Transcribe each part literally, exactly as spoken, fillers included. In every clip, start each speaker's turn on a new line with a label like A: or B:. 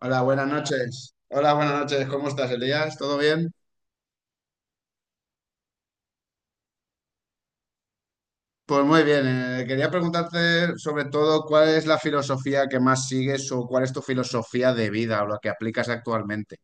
A: Hola, buenas noches. Hola, buenas noches. ¿Cómo estás, Elías? ¿Todo bien? Pues muy bien. Eh, quería preguntarte sobre todo cuál es la filosofía que más sigues o cuál es tu filosofía de vida o la que aplicas actualmente.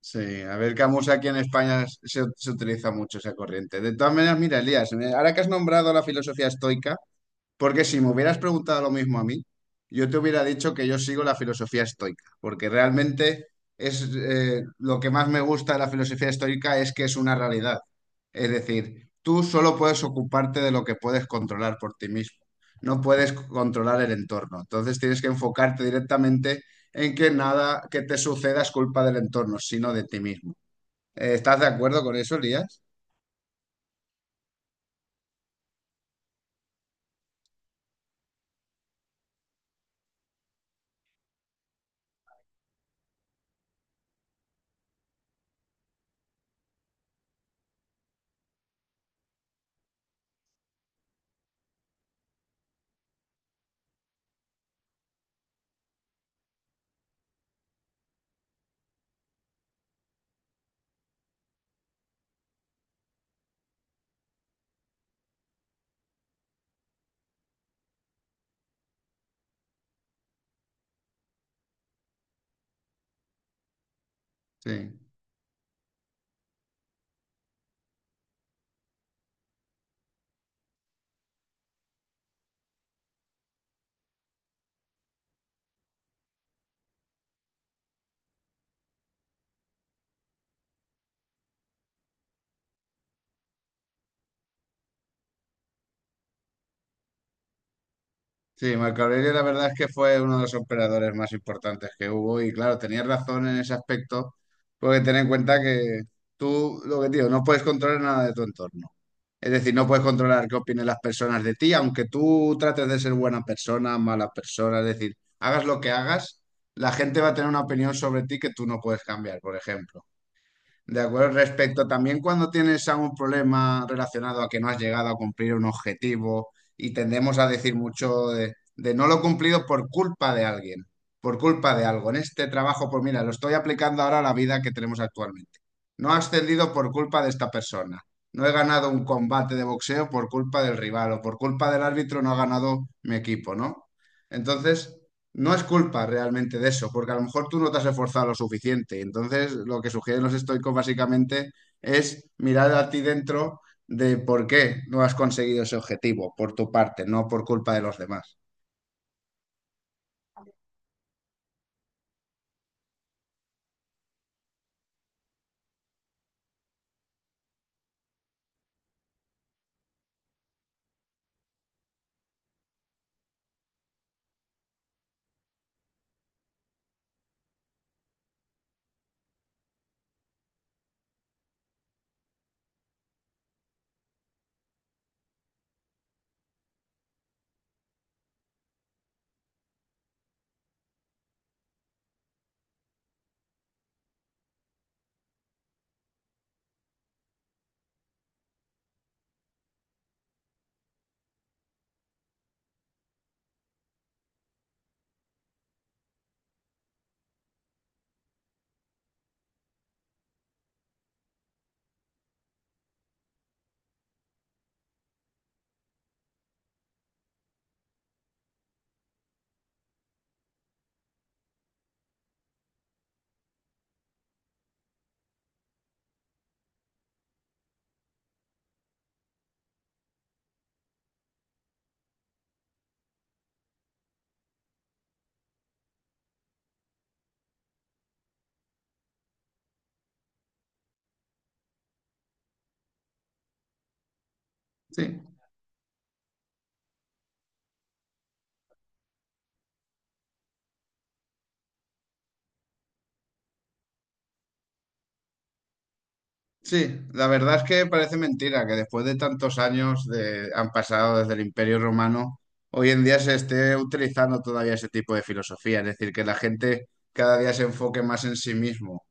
A: Sí, a ver, Camus aquí en España se, se utiliza mucho esa corriente. De todas maneras, mira, Elías, me- ahora que has nombrado la filosofía estoica, porque si me hubieras preguntado lo mismo a mí, yo te hubiera dicho que yo sigo la filosofía estoica, porque realmente es eh, lo que más me gusta de la filosofía estoica es que es una realidad. Es decir, tú solo puedes ocuparte de lo que puedes controlar por ti mismo. No puedes controlar el entorno. Entonces tienes que enfocarte directamente en que nada que te suceda es culpa del entorno, sino de ti mismo. Eh, ¿Estás de acuerdo con eso, Elías? Sí. Sí, Marco Aurelio la verdad es que fue uno de los operadores más importantes que hubo y claro, tenías razón en ese aspecto, porque ten en cuenta que tú, lo que te digo, no puedes controlar nada de tu entorno. Es decir, no puedes controlar qué opinen las personas de ti, aunque tú trates de ser buena persona, mala persona, es decir, hagas lo que hagas, la gente va a tener una opinión sobre ti que tú no puedes cambiar, por ejemplo. De acuerdo, respecto también cuando tienes algún problema relacionado a que no has llegado a cumplir un objetivo y tendemos a decir mucho de, de no lo he cumplido por culpa de alguien, por culpa de algo. En este trabajo, pues mira, lo estoy aplicando ahora a la vida que tenemos actualmente. No he ascendido por culpa de esta persona. No he ganado un combate de boxeo por culpa del rival o por culpa del árbitro no ha ganado mi equipo, ¿no? Entonces... no es culpa realmente de eso, porque a lo mejor tú no te has esforzado lo suficiente. Entonces, lo que sugieren los estoicos básicamente es mirar a ti dentro de por qué no has conseguido ese objetivo por tu parte, no por culpa de los demás. Sí, sí, la verdad es que parece mentira que después de tantos años de, han pasado desde el Imperio Romano, hoy en día se esté utilizando todavía ese tipo de filosofía, es decir, que la gente cada día se enfoque más en sí mismo.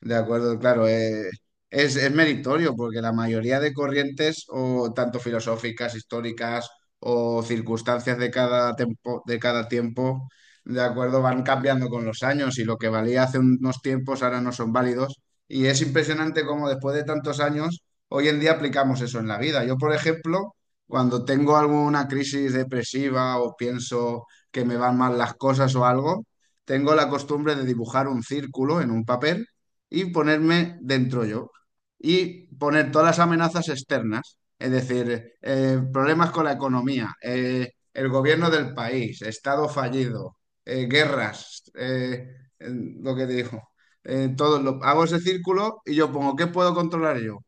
A: De acuerdo, claro, eh, es, es meritorio porque la mayoría de corrientes, o tanto filosóficas, históricas o circunstancias de cada tempo- de cada tiempo, de acuerdo, van cambiando con los años y lo que valía hace unos tiempos ahora no son válidos. Y es impresionante cómo después de tantos años, hoy en día aplicamos eso en la vida. Yo, por ejemplo, cuando tengo alguna crisis depresiva o pienso que me van mal las cosas o algo, tengo la costumbre de dibujar un círculo en un papel y ponerme dentro yo y poner todas las amenazas externas, es decir, eh, problemas con la economía, eh, el gobierno del país, estado fallido, eh, guerras, eh, eh, lo que te dijo. Eh, todo lo, hago ese círculo y yo pongo, ¿qué puedo controlar yo?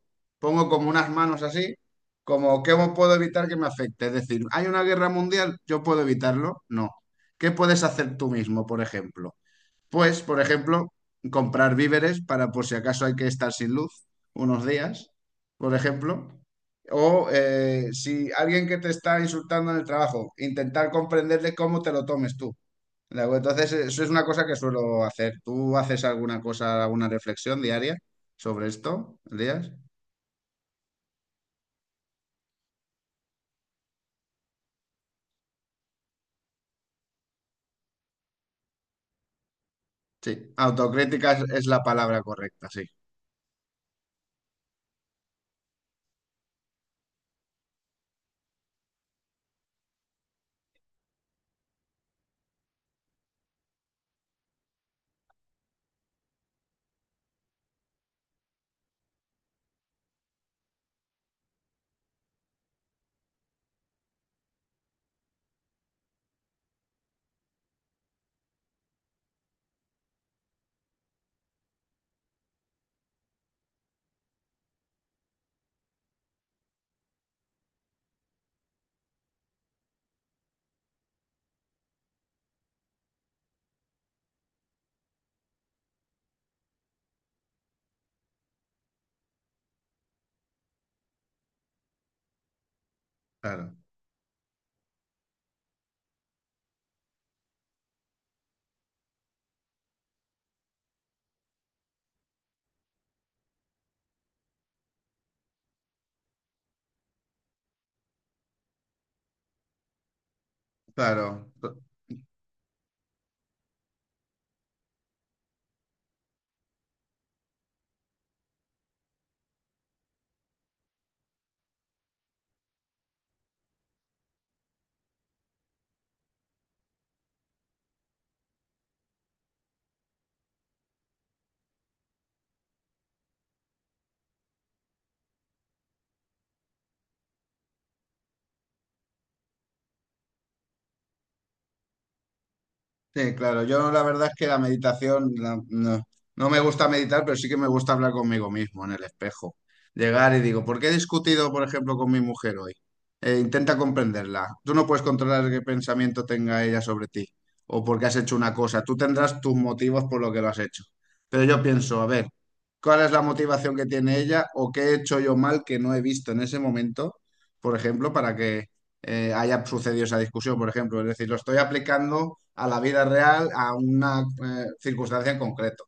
A: Pongo como unas manos así, como, ¿qué puedo evitar que me afecte? Es decir, ¿hay una guerra mundial? ¿Yo puedo evitarlo? No. ¿Qué puedes hacer tú mismo, por ejemplo? Pues, por ejemplo, comprar víveres para por si acaso hay que estar sin luz unos días, por ejemplo. O eh, si alguien que te está insultando en el trabajo, intentar comprenderle cómo te lo tomes tú. ¿De acuerdo? Entonces, eso es una cosa que suelo hacer. ¿Tú haces alguna cosa, alguna reflexión diaria sobre esto, Elías? Sí, autocrítica es, es la palabra correcta, sí, claro, claro. Sí, claro, yo la verdad es que la meditación la- no, no me gusta meditar, pero sí que me gusta hablar conmigo mismo en el espejo. Llegar y digo, ¿por qué he discutido, por ejemplo, con mi mujer hoy? Eh, intenta comprenderla. Tú no puedes controlar qué pensamiento tenga ella sobre ti o porque has hecho una cosa. Tú tendrás tus motivos por lo que lo has hecho. Pero yo pienso, a ver, ¿cuál es la motivación que tiene ella o qué he hecho yo mal que no he visto en ese momento, por ejemplo, para que eh, haya sucedido esa discusión, por ejemplo? Es decir, lo estoy aplicando a la vida real, a una eh, circunstancia en concreto.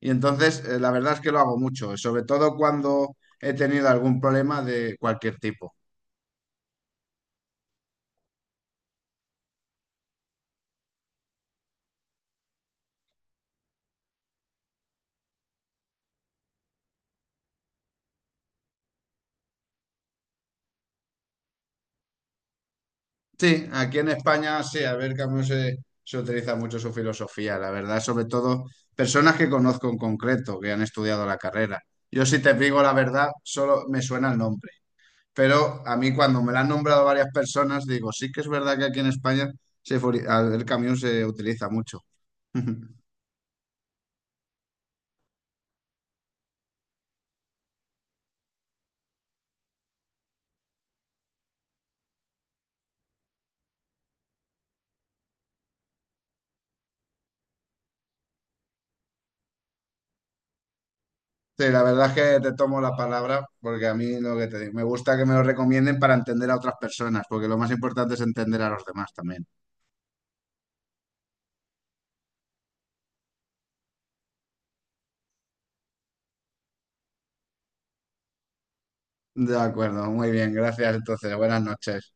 A: Y entonces, eh, la verdad es que lo hago mucho, sobre todo cuando he tenido algún problema de cualquier tipo. Sí, aquí en España, sí, a ver, Camus se, se utiliza mucho su filosofía, la verdad, sobre todo personas que conozco en concreto, que han estudiado la carrera. Yo si te digo la verdad, solo me suena el nombre. Pero a mí cuando me la han nombrado varias personas, digo, sí que es verdad que aquí en España se fori- al- el camión se utiliza mucho. Sí, la verdad es que te tomo la palabra porque a mí lo que te digo, me gusta que me lo recomienden para entender a otras personas, porque lo más importante es entender a los demás también. De acuerdo, muy bien, gracias entonces, buenas noches.